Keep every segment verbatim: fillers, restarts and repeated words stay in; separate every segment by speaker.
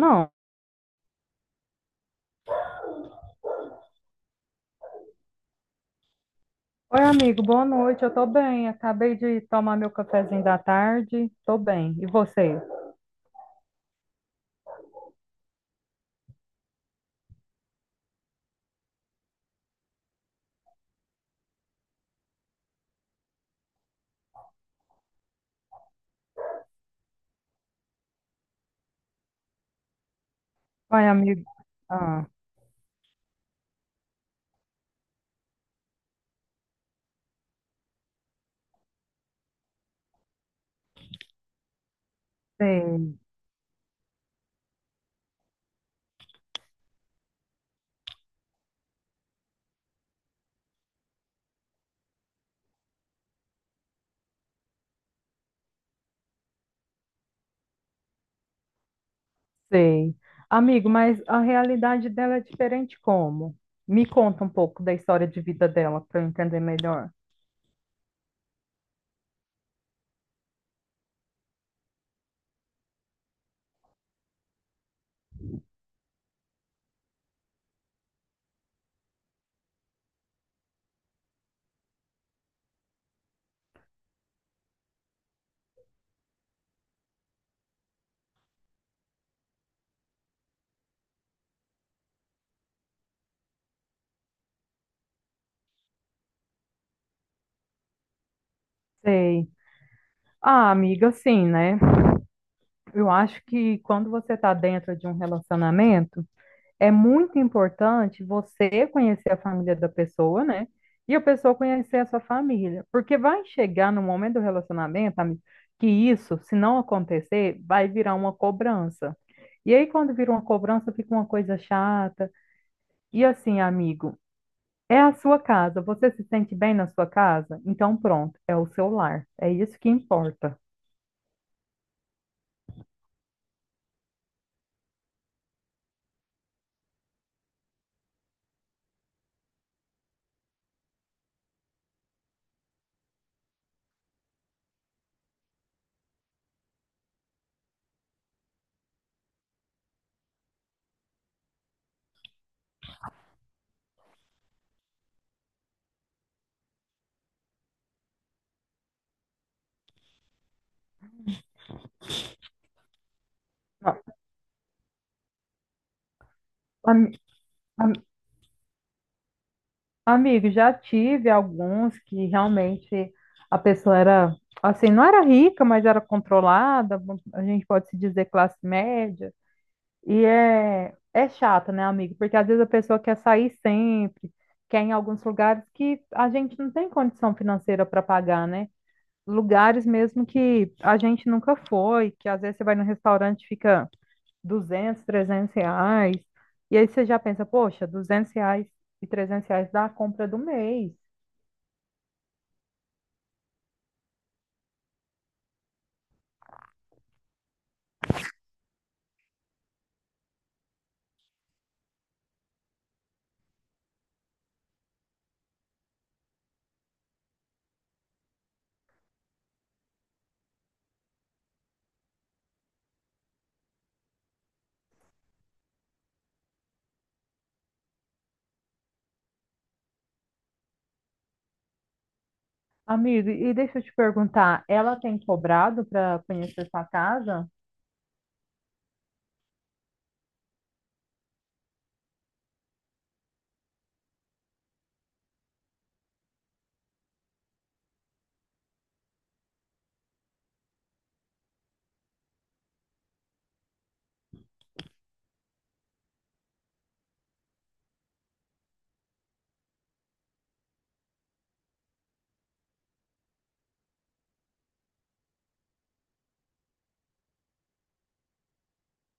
Speaker 1: Não. Oi, amigo, boa noite. Eu tô bem. Acabei de tomar meu cafezinho da tarde. Tô bem. E você? Oi, amigo. Ah, sei, sei. Amigo, mas a realidade dela é diferente como? Me conta um pouco da história de vida dela para eu entender melhor. Sei. Ah, amiga, assim, né? Eu acho que quando você está dentro de um relacionamento, é muito importante você conhecer a família da pessoa, né? E a pessoa conhecer a sua família. Porque vai chegar no momento do relacionamento, amiga, que isso, se não acontecer, vai virar uma cobrança. E aí, quando vira uma cobrança, fica uma coisa chata. E assim, amigo, é a sua casa. Você se sente bem na sua casa? Então, pronto, é o seu lar. É isso que importa. Ó, Ami- amigo, já tive alguns que realmente a pessoa era, assim, não era rica, mas era controlada, a gente pode se dizer classe média. E é, é chato, né, amigo? Porque às vezes a pessoa quer sair sempre, quer ir em alguns lugares que a gente não tem condição financeira para pagar, né? Lugares mesmo que a gente nunca foi, que às vezes você vai no restaurante e fica duzentos, trezentos reais. E aí você já pensa, poxa, duzentos reais e trezentos reais dá a compra do mês. Amigo, e deixa eu te perguntar, ela tem cobrado para conhecer sua casa?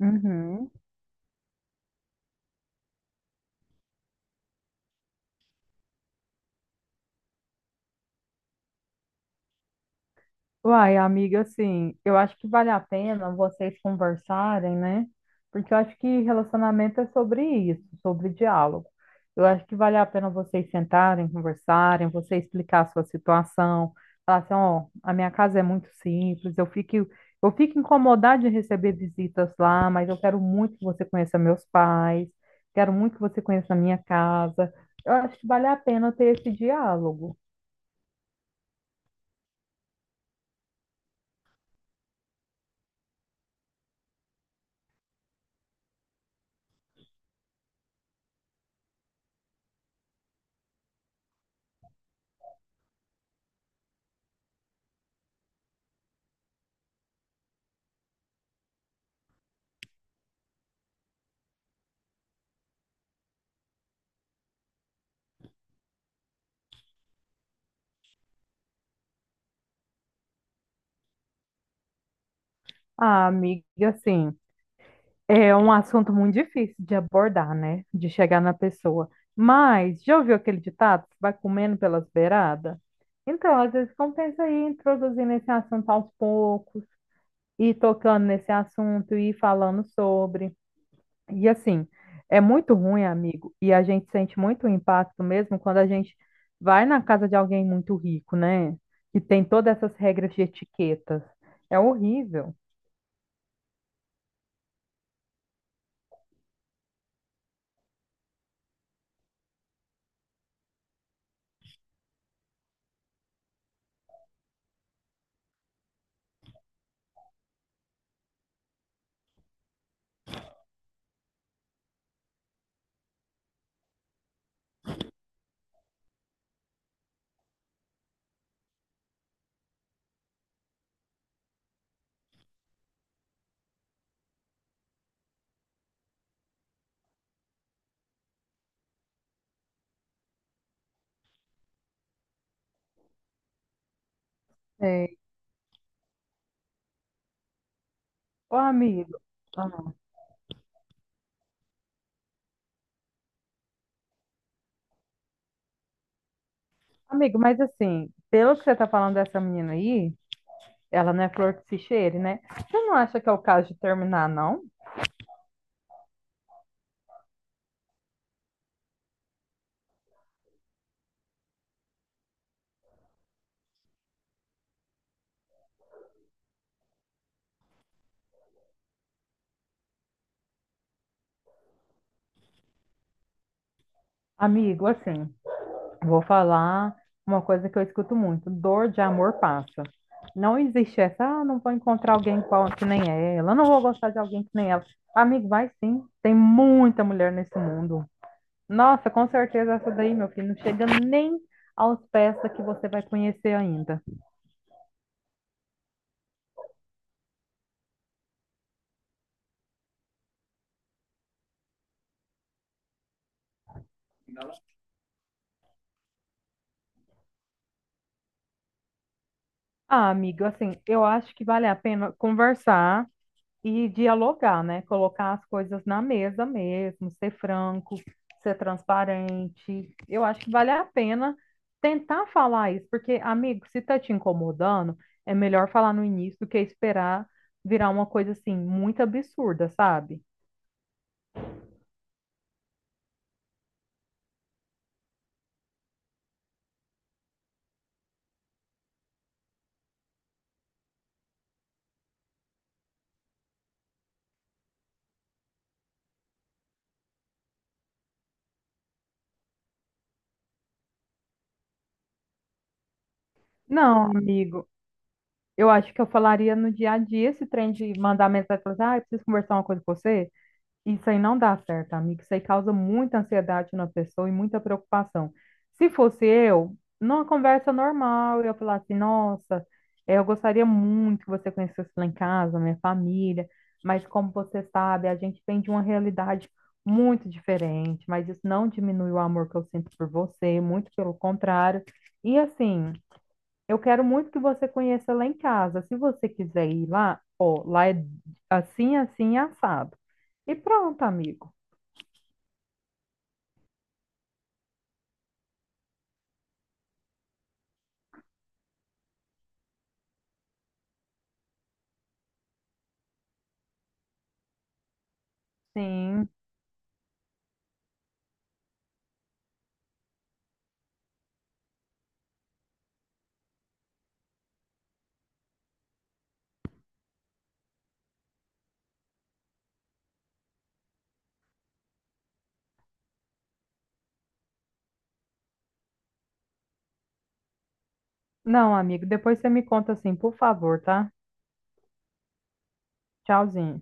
Speaker 1: Uhum. Uai, amiga, assim, eu acho que vale a pena vocês conversarem, né? Porque eu acho que relacionamento é sobre isso, sobre diálogo. Eu acho que vale a pena vocês sentarem, conversarem, você explicar a sua situação, falar assim, ó, a minha casa é muito simples, eu fico, eu fico incomodada de receber visitas lá, mas eu quero muito que você conheça meus pais, quero muito que você conheça a minha casa. Eu acho que vale a pena ter esse diálogo. Ah, amiga, assim. É um assunto muito difícil de abordar, né? De chegar na pessoa. Mas, já ouviu aquele ditado? Que vai comendo pelas beiradas? Então, às vezes compensa ir introduzindo esse assunto aos poucos, ir tocando nesse assunto, ir falando sobre. E assim, é muito ruim, amigo, e a gente sente muito o impacto mesmo quando a gente vai na casa de alguém muito rico, né? Que tem todas essas regras de etiquetas. É horrível. É, ô, amigo. Amigo, mas assim, pelo que você tá falando dessa menina aí, ela não é flor que se cheire, né? Você não acha que é o caso de terminar, não? Amigo, assim, vou falar uma coisa que eu escuto muito: dor de amor passa. Não existe essa, ah, não vou encontrar alguém qual- que nem ela, não vou gostar de alguém que nem ela. Amigo, vai sim, tem muita mulher nesse mundo. Nossa, com certeza essa daí, meu filho, não chega nem aos pés da que você vai conhecer ainda. Ah, amigo, assim, eu acho que vale a pena conversar e dialogar, né? Colocar as coisas na mesa mesmo, ser franco, ser transparente. Eu acho que vale a pena tentar falar isso, porque, amigo, se tá te incomodando, é melhor falar no início do que esperar virar uma coisa assim muito absurda, sabe? Não, amigo, eu acho que eu falaria no dia a dia esse trem de mandar mensagem e falar assim, ah, eu preciso conversar uma coisa com você. Isso aí não dá certo, amigo. Isso aí causa muita ansiedade na pessoa e muita preocupação. Se fosse eu, numa conversa normal, eu ia falar assim: nossa, eh, eu gostaria muito que você conhecesse lá em casa, minha família, mas como você sabe, a gente vem de uma realidade muito diferente, mas isso não diminui o amor que eu sinto por você, muito pelo contrário. E assim, eu quero muito que você conheça lá em casa. Se você quiser ir lá, ó, lá é assim, assim, assado. E pronto, amigo. Sim. Não, amigo, depois você me conta assim, por favor, tá? Tchauzinho.